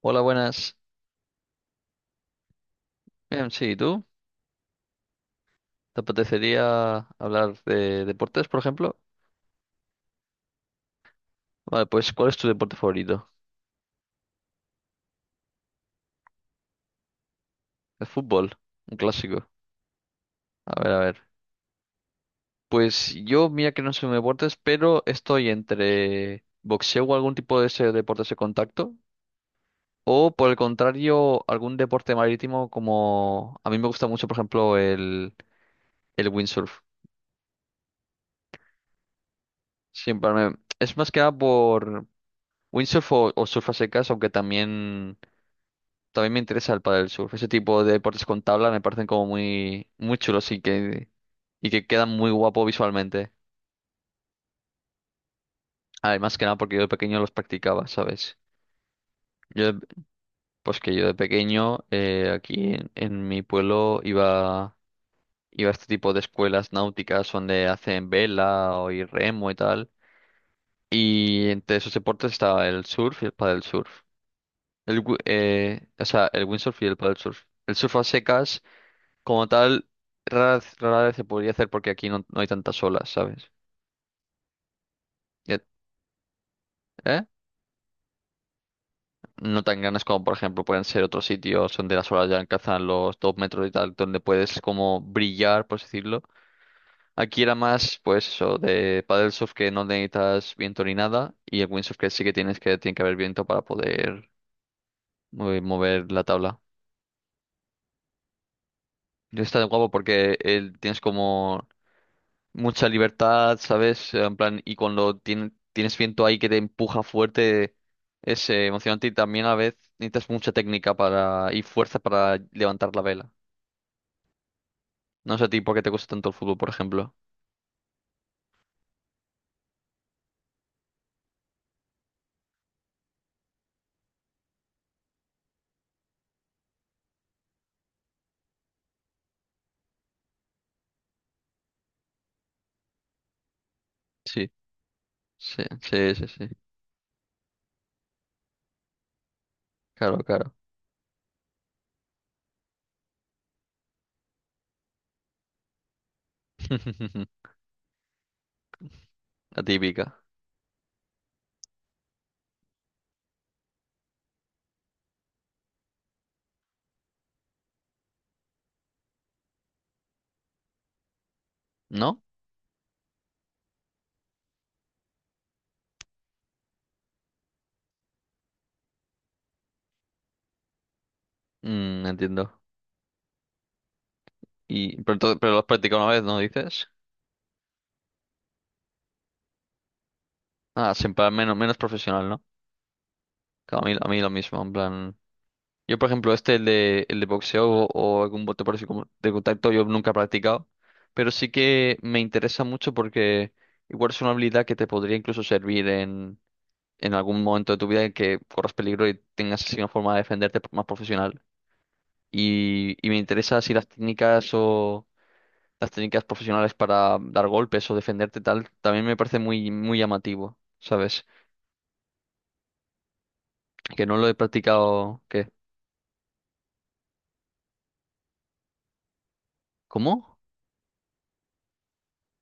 Hola, buenas. Bien, sí, ¿y tú? ¿Te apetecería hablar de deportes, por ejemplo? Vale, pues ¿cuál es tu deporte favorito? El fútbol, un clásico. A ver, a ver. Pues yo, mira que no soy un deportes, pero estoy entre boxeo o algún tipo de ese deporte de contacto, o por el contrario, algún deporte marítimo como a mí me gusta mucho, por ejemplo, el windsurf. Es más que nada por windsurf o surf a secas, aunque también También me interesa el pádel surf. Ese tipo de deportes con tabla me parecen como muy chulos y que quedan muy guapo visualmente. Además que nada porque yo de pequeño los practicaba, ¿sabes? Yo, de- pues que yo de pequeño aquí en mi pueblo iba a este tipo de escuelas náuticas donde hacen vela o y remo y tal. Y entre esos deportes estaba el surf y el paddle surf. O sea, el windsurf y el paddle surf. El surf a secas. Como tal, rara vez se podría hacer porque aquí no hay tantas olas, ¿sabes? Ya- ¿Eh? No tan grandes como, por ejemplo, pueden ser otros sitios donde las olas ya alcanzan los 2 metros y tal, donde puedes como brillar, por así decirlo. Aquí era más, pues eso, de paddle surf que no necesitas viento ni nada, y el windsurf que sí que tienes que, tiene que haber viento para poder mover la tabla. Y está guapo porque él, tienes como mucha libertad, ¿sabes? En plan, y cuando tienes viento ahí que te empuja fuerte, es emocionante y también a la vez necesitas mucha técnica para y fuerza para levantar la vela. No sé a ti por qué te gusta tanto el fútbol, por ejemplo. Sí, sí, sí, sí, sí. Claro, claro. La típica, ¿no? Mm, entiendo. Pero lo has practicado una vez, ¿no dices? Ah, siempre menos menos profesional, ¿no? Claro. A mí lo mismo, en plan. Yo, por ejemplo, este, el de boxeo o algún bote parecido como de contacto, yo nunca he practicado, pero sí que me interesa mucho porque igual es una habilidad que te podría incluso servir en algún momento de tu vida en que corras peligro y tengas así una forma de defenderte más profesional. Y me interesa si las técnicas o las técnicas profesionales para dar golpes o defenderte tal, también me parece muy llamativo, ¿sabes? Que no lo he practicado, ¿qué? ¿Cómo?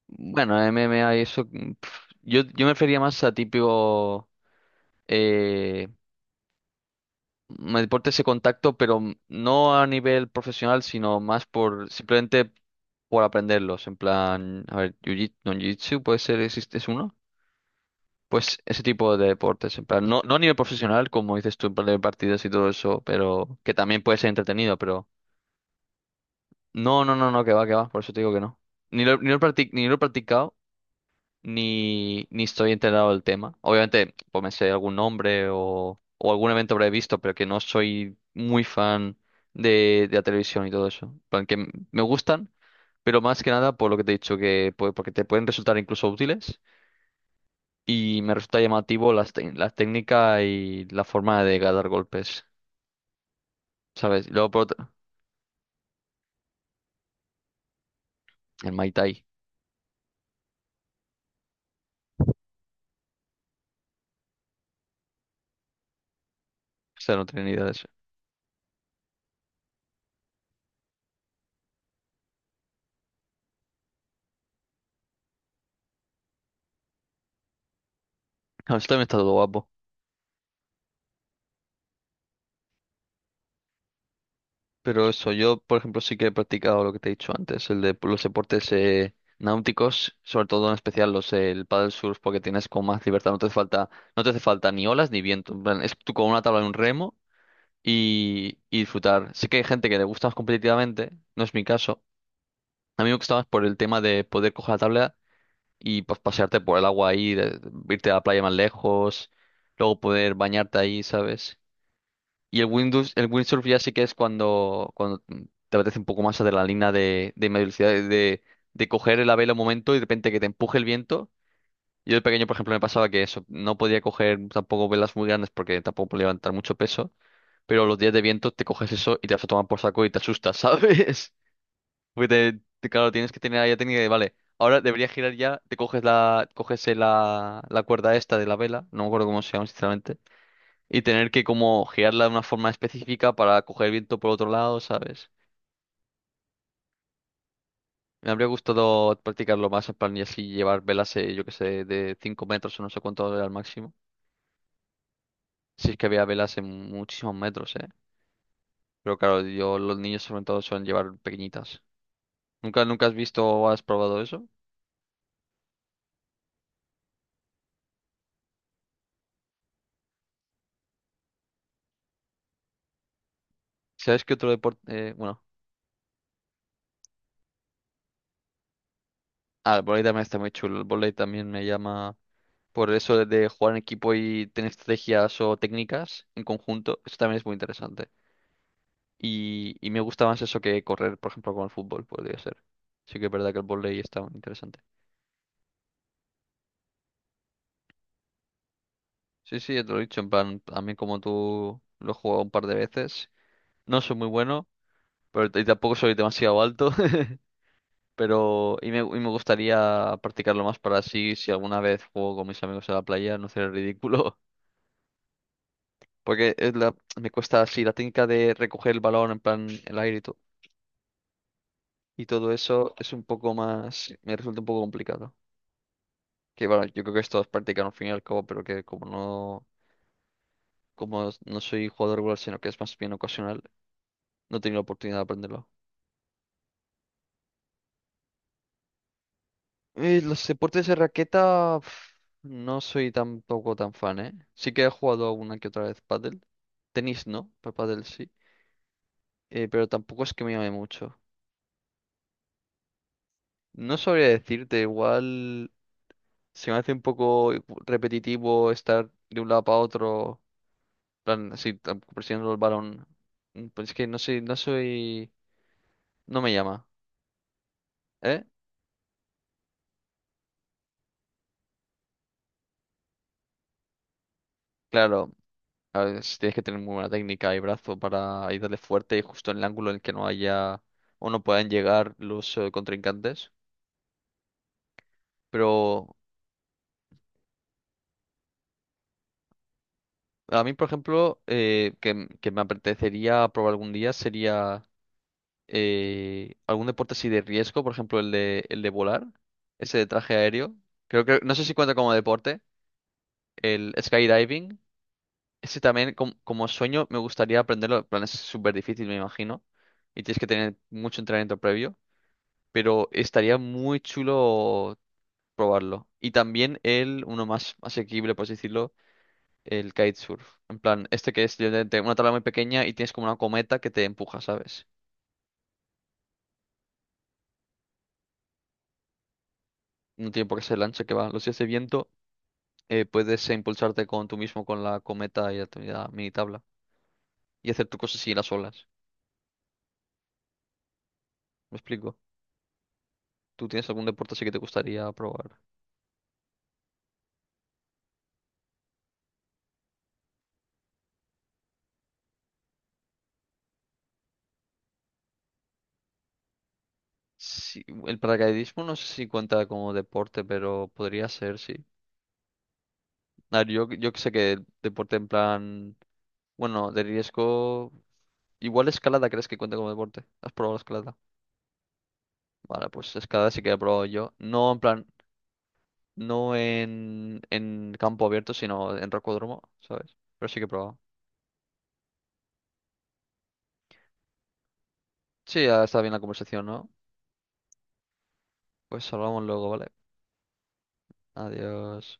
Bueno, MMA y eso. Yo, yo me refería más a típico eh, me deporte ese contacto, pero no a nivel profesional, sino más por simplemente por aprenderlos. En plan, a ver, jiu-jitsu, no, jiu-jitsu puede ser, existe es uno. Pues ese tipo de deportes, en plan, no, no a nivel profesional, como dices tú, en plan de partidas y todo eso, pero que también puede ser entretenido, pero no, no, no, no, que va, por eso te digo que no. Ni lo he practicado ni estoy enterado del tema. Obviamente, pues me sé algún nombre o algún evento habré visto, pero que no soy muy fan de la televisión y todo eso. En plan, que me gustan, pero más que nada por lo que te he dicho, que porque te pueden resultar incluso útiles y me resulta llamativo las la técnica y la forma de dar golpes, ¿sabes? Y luego por otra, el Muay Thai. O sea, no tenía ni idea de eso. Esto también está todo guapo. Pero eso, yo, por ejemplo, sí que he practicado lo que te he dicho antes, el de los deportes náuticos, sobre todo en especial los el paddle surf, porque tienes como más libertad, no te hace falta, no te hace falta ni olas ni viento. En plan, es tú con una tabla y un remo y disfrutar. Sí que hay gente que le gusta más competitivamente, no es mi caso. A mí me gusta más por el tema de poder coger la tabla y pues pasearte por el agua ahí, irte a la playa más lejos, luego poder bañarte ahí, ¿sabes? Y el Windows, el windsurf ya sí que es cuando te apetece un poco más adrenalina de media velocidad, de coger la vela un momento y de repente que te empuje el viento. Yo de pequeño, por ejemplo, me pasaba que eso, no podía coger tampoco velas muy grandes porque tampoco podía levantar mucho peso, pero los días de viento te coges eso y te vas a tomar por saco y te asustas, ¿sabes? Porque claro, tienes que tener ahí la técnica de, vale, ahora debería girar ya, te coges la, la cuerda esta de la vela, no me acuerdo cómo se llama, sinceramente, y tener que como girarla de una forma específica para coger viento por otro lado, ¿sabes? Me habría gustado practicarlo más en plan y así llevar velas, yo que sé, de 5 metros o no sé cuánto era el máximo. Si es que había velas en muchísimos metros, ¿eh? Pero claro, yo, los niños sobre todo suelen llevar pequeñitas. ¿Nunca, nunca has visto o has probado eso? ¿Sabes qué otro deporte? eh, bueno, el vóley también está muy chulo. El vóley también me llama por eso de jugar en equipo y tener estrategias o técnicas en conjunto. Eso también es muy interesante. Y me gusta más eso que correr, por ejemplo, con el fútbol, podría ser. Sí que es verdad que el vóley está muy interesante. Sí, sí, ya te lo he dicho, en plan, también como tú lo he jugado un par de veces. No soy muy bueno, pero y tampoco soy demasiado alto. Pero, y me gustaría practicarlo más para así, si alguna vez juego con mis amigos en la playa, no ser ridículo. Porque me cuesta así, la técnica de recoger el balón en plan el aire y todo eso es un poco más, me resulta un poco complicado. Que bueno, yo creo que esto es práctica al fin y al cabo, pero que como no soy jugador regular, sino que es más bien ocasional, no he tenido la oportunidad de aprenderlo. Los deportes de raqueta, pf, no soy tampoco tan fan, ¿eh? Sí que he jugado alguna que otra vez pádel. Tenis no, pero pádel sí. Pero tampoco es que me llame mucho. No sabría decirte, igual se me hace un poco repetitivo estar de un lado para otro, en plan, así, presionando el balón. Pues es que no soy, no me llama. ¿Eh? Claro, a ver, si tienes que tener muy buena técnica y brazo para ir darle fuerte y justo en el ángulo en el que no haya o no puedan llegar los contrincantes. Pero a mí, por ejemplo, que me apetecería probar algún día sería algún deporte así de riesgo, por ejemplo, el de volar, ese de traje aéreo. Creo que, no sé si cuenta como deporte, el skydiving. Ese también, como sueño, me gustaría aprenderlo. En plan, es súper difícil, me imagino, y tienes que tener mucho entrenamiento previo, pero estaría muy chulo probarlo. Y también el, uno más asequible, por así decirlo, el kitesurf. En plan, este que es literalmente una tabla muy pequeña y tienes como una cometa que te empuja, ¿sabes? No tiene por qué ser el ancho que va. Los días de viento puedes impulsarte con tú mismo con la cometa y la mini tabla y hacer tu cosas así en las olas. ¿Me explico? ¿Tú tienes algún deporte así que te gustaría probar? Sí, el paracaidismo no sé si cuenta como deporte, pero podría ser, sí. A ver, yo que sé que deporte en plan. Bueno, de riesgo. Igual escalada, ¿crees que cuenta como deporte? ¿Has probado escalada? Vale, pues escalada sí que he probado yo. No en plan, no en campo abierto, sino en rocódromo, ¿sabes? Pero sí que he probado. Sí, ya está bien la conversación, ¿no? Pues hablamos luego, ¿vale? Adiós.